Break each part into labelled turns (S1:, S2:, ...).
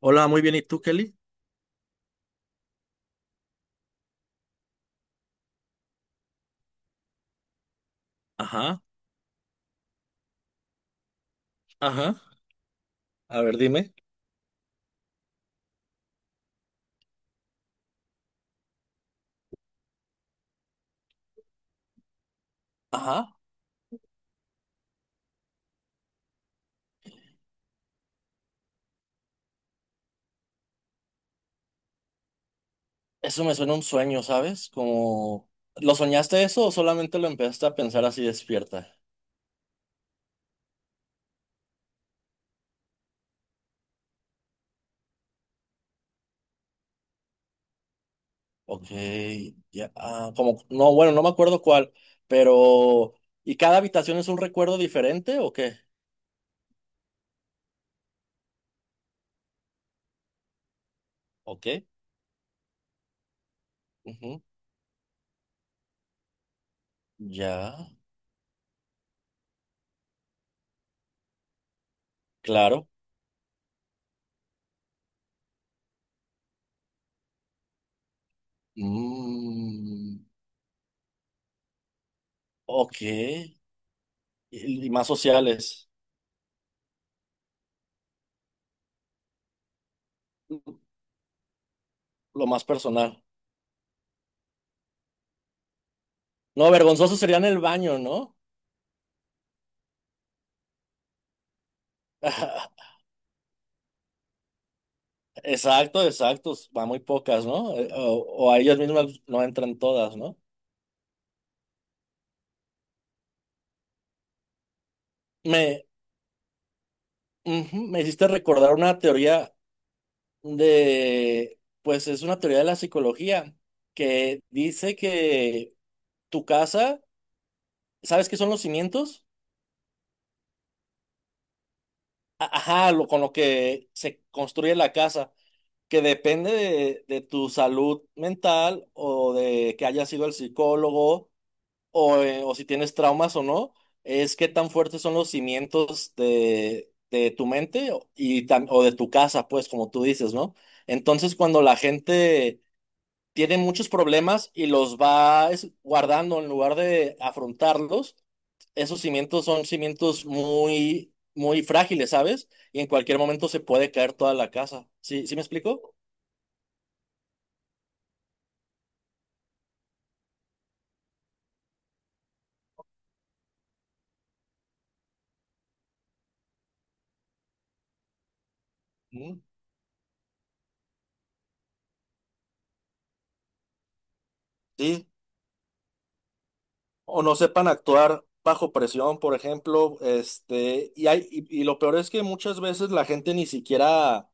S1: Hola, muy bien. ¿Y tú, Kelly? Ajá, ajá. A ver, dime. Ajá, eso me suena a un sueño, ¿sabes? ¿Lo soñaste eso o solamente lo empezaste a pensar así despierta? Ok, ya, ah, como, no, bueno, no me acuerdo cuál, pero ¿y cada habitación es un recuerdo diferente o qué? Ok, ujú, ya, claro. Mm, ok, y más sociales, lo más personal. No, vergonzoso sería en el baño, ¿no? Exacto, exacto. Va muy pocas, ¿no? O a ellas mismas no entran todas, ¿no? Me, ujú, me hiciste recordar una teoría de, pues es una teoría de la psicología que dice que tu casa. ¿Sabes qué son los cimientos? Ajá, lo, con lo que se construye la casa, que depende de tu salud mental o de que hayas sido el psicólogo o si tienes traumas o no, es qué tan fuertes son los cimientos de tu mente y o de tu casa, pues, como tú dices, ¿no? Entonces, cuando la gente tiene muchos problemas y los va guardando en lugar de afrontarlos, esos cimientos son cimientos muy, muy frágiles, ¿sabes? Y en cualquier momento se puede caer toda la casa. ¿Sí, sí me explico? Mm, sí, o no sepan actuar bajo presión, por ejemplo, este, y hay, y lo peor es que muchas veces la gente ni siquiera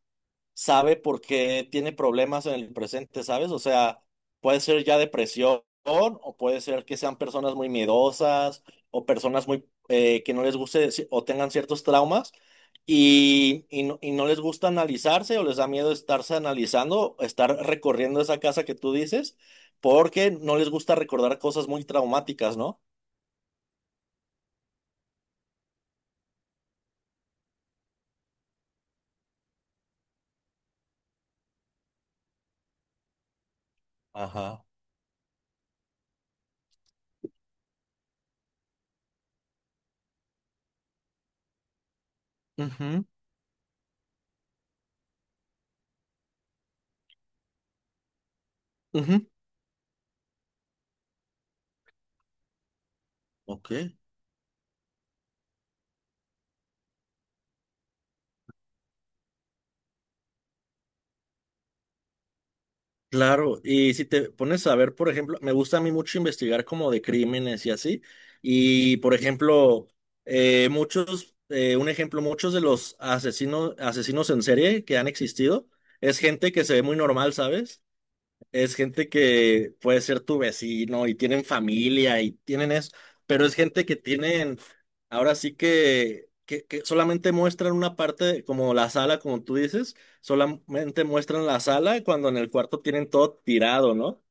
S1: sabe por qué tiene problemas en el presente, ¿sabes? O sea, puede ser ya depresión, o puede ser que sean personas muy miedosas, o personas muy que no les guste o tengan ciertos traumas. Y no, no les gusta analizarse o les da miedo estarse analizando, estar recorriendo esa casa que tú dices, porque no les gusta recordar cosas muy traumáticas, ¿no? Ajá. Ujú, ujú. Ok, claro. Y si te pones a ver, por ejemplo, me gusta a mí mucho investigar como de crímenes y así. Y, por ejemplo, un ejemplo, muchos de los asesinos, asesinos en serie que han existido es gente que se ve muy normal, ¿sabes? Es gente que puede ser tu vecino y tienen familia y tienen eso, pero es gente que tienen, ahora sí que solamente muestran una parte, como la sala, como tú dices, solamente muestran la sala cuando en el cuarto tienen todo tirado, ¿no?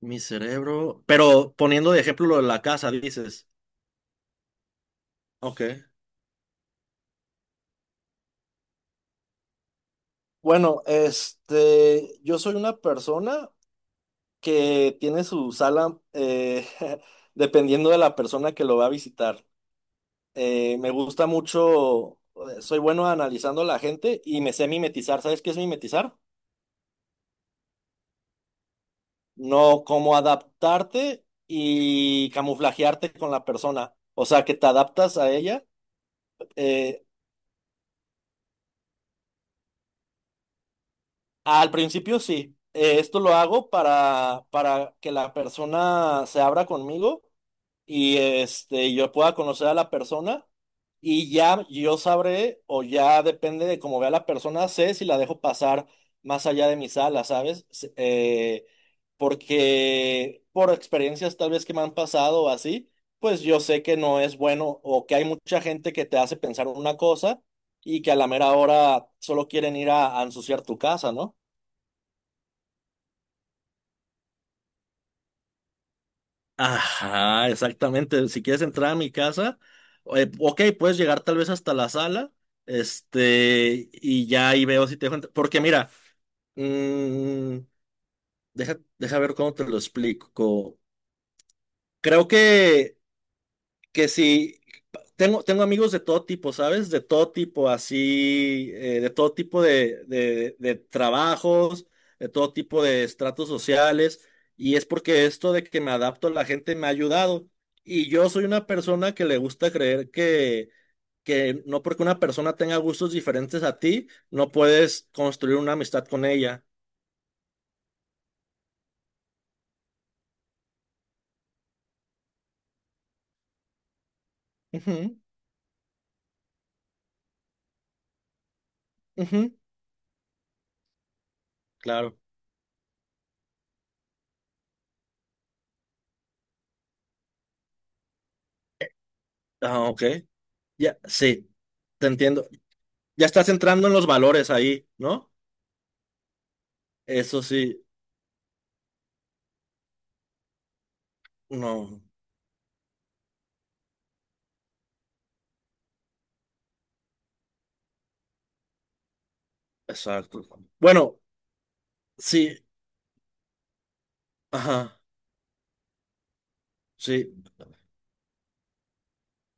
S1: Mi cerebro, pero poniendo de ejemplo lo de la casa, dices, ok. Bueno, este, yo soy una persona que tiene su sala dependiendo de la persona que lo va a visitar. Me gusta mucho, soy bueno analizando a la gente y me sé mimetizar. ¿Sabes qué es mimetizar? No, como adaptarte y camuflajearte con la persona. O sea, que te adaptas a ella. Eh, al principio sí. Esto lo hago para que la persona se abra conmigo y este, yo pueda conocer a la persona y ya yo sabré o ya depende de cómo vea la persona, sé si la dejo pasar más allá de mi sala, ¿sabes? Porque por experiencias tal vez que me han pasado o así, pues yo sé que no es bueno o que hay mucha gente que te hace pensar una cosa y que a la mera hora solo quieren ir a ensuciar tu casa, ¿no? Ajá, exactamente. Si quieres entrar a mi casa, ok, puedes llegar tal vez hasta la sala, este, y ya ahí veo si te dejo entrar. Porque mira, mm, deja, deja ver cómo te lo explico. Creo que si tengo amigos de todo tipo, ¿sabes? De todo tipo, así, de todo tipo de, de trabajos, de todo tipo de estratos sociales, y es porque esto de que me adapto a la gente me ha ayudado. Y yo soy una persona que le gusta creer que no porque una persona tenga gustos diferentes a ti, no puedes construir una amistad con ella. Ujú, ujú, claro. Ah, ok. Ya, sí, te entiendo. Ya estás entrando en los valores ahí, ¿no? Eso sí, no, exacto. Bueno, sí, ajá, sí,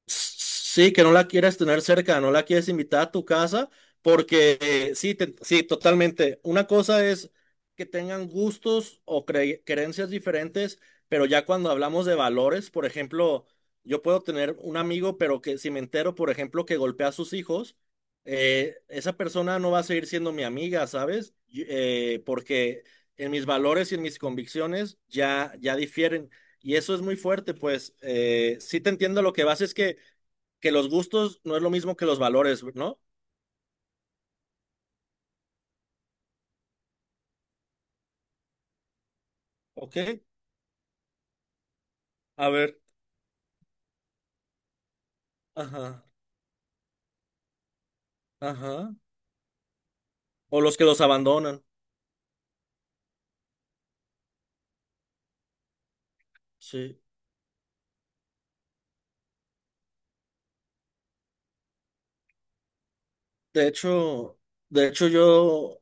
S1: sí, que no la quieres tener cerca, no la quieres invitar a tu casa, porque sí, totalmente. Una cosa es que tengan gustos o creencias diferentes, pero ya cuando hablamos de valores, por ejemplo, yo puedo tener un amigo, pero que si me entero, por ejemplo, que golpea a sus hijos, esa persona no va a seguir siendo mi amiga, ¿sabes? Porque en mis valores y en mis convicciones ya, ya difieren. Y eso es muy fuerte, pues sí te entiendo, lo que vas es que los gustos no es lo mismo que los valores, ¿no? Ok, a ver, ajá, ajá. O los que los abandonan, sí. De hecho, de hecho yo,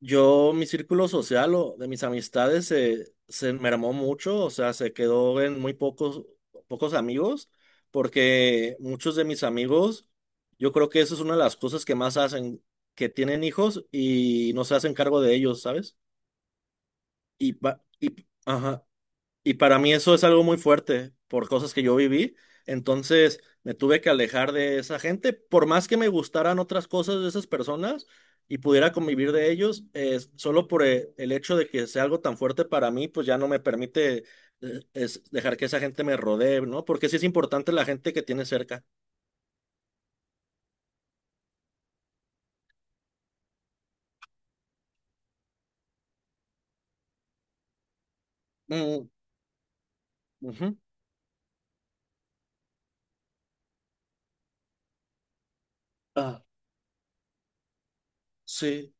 S1: yo, mi círculo social o de mis amistades se, se mermó mucho, o sea, se quedó en muy pocos amigos, porque muchos de mis amigos, yo creo que eso es una de las cosas que más hacen, que tienen hijos y no se hacen cargo de ellos, ¿sabes? Y, pa- y, ajá, y para mí eso es algo muy fuerte por cosas que yo viví. Entonces me tuve que alejar de esa gente. Por más que me gustaran otras cosas de esas personas y pudiera convivir de ellos, solo por el hecho de que sea algo tan fuerte para mí, pues ya no me permite es dejar que esa gente me rodee, ¿no? Porque sí es importante la gente que tiene cerca. Mm, ujú. Ah, sí.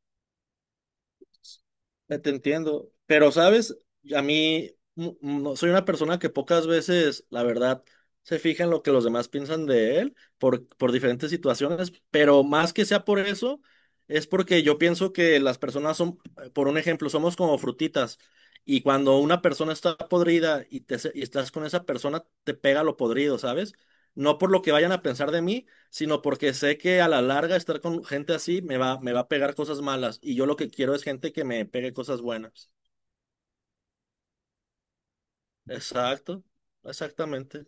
S1: Ya te entiendo. Pero, ¿sabes? A mí mm, no, soy una persona que pocas veces, la verdad, se fija en lo que los demás piensan de él por diferentes situaciones, pero más que sea por eso, es porque yo pienso que las personas son, por un ejemplo, somos como frutitas y cuando una persona está podrida y estás con esa persona, te pega lo podrido, ¿sabes? No por lo que vayan a pensar de mí, sino porque sé que a la larga estar con gente así me me va a pegar cosas malas y yo lo que quiero es gente que me pegue cosas buenas. Exacto, exactamente.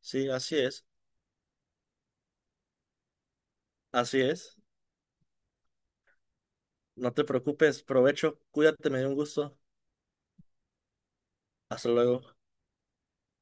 S1: Sí, así es, así es. No te preocupes, provecho, cuídate, me dio un gusto. Hasta luego.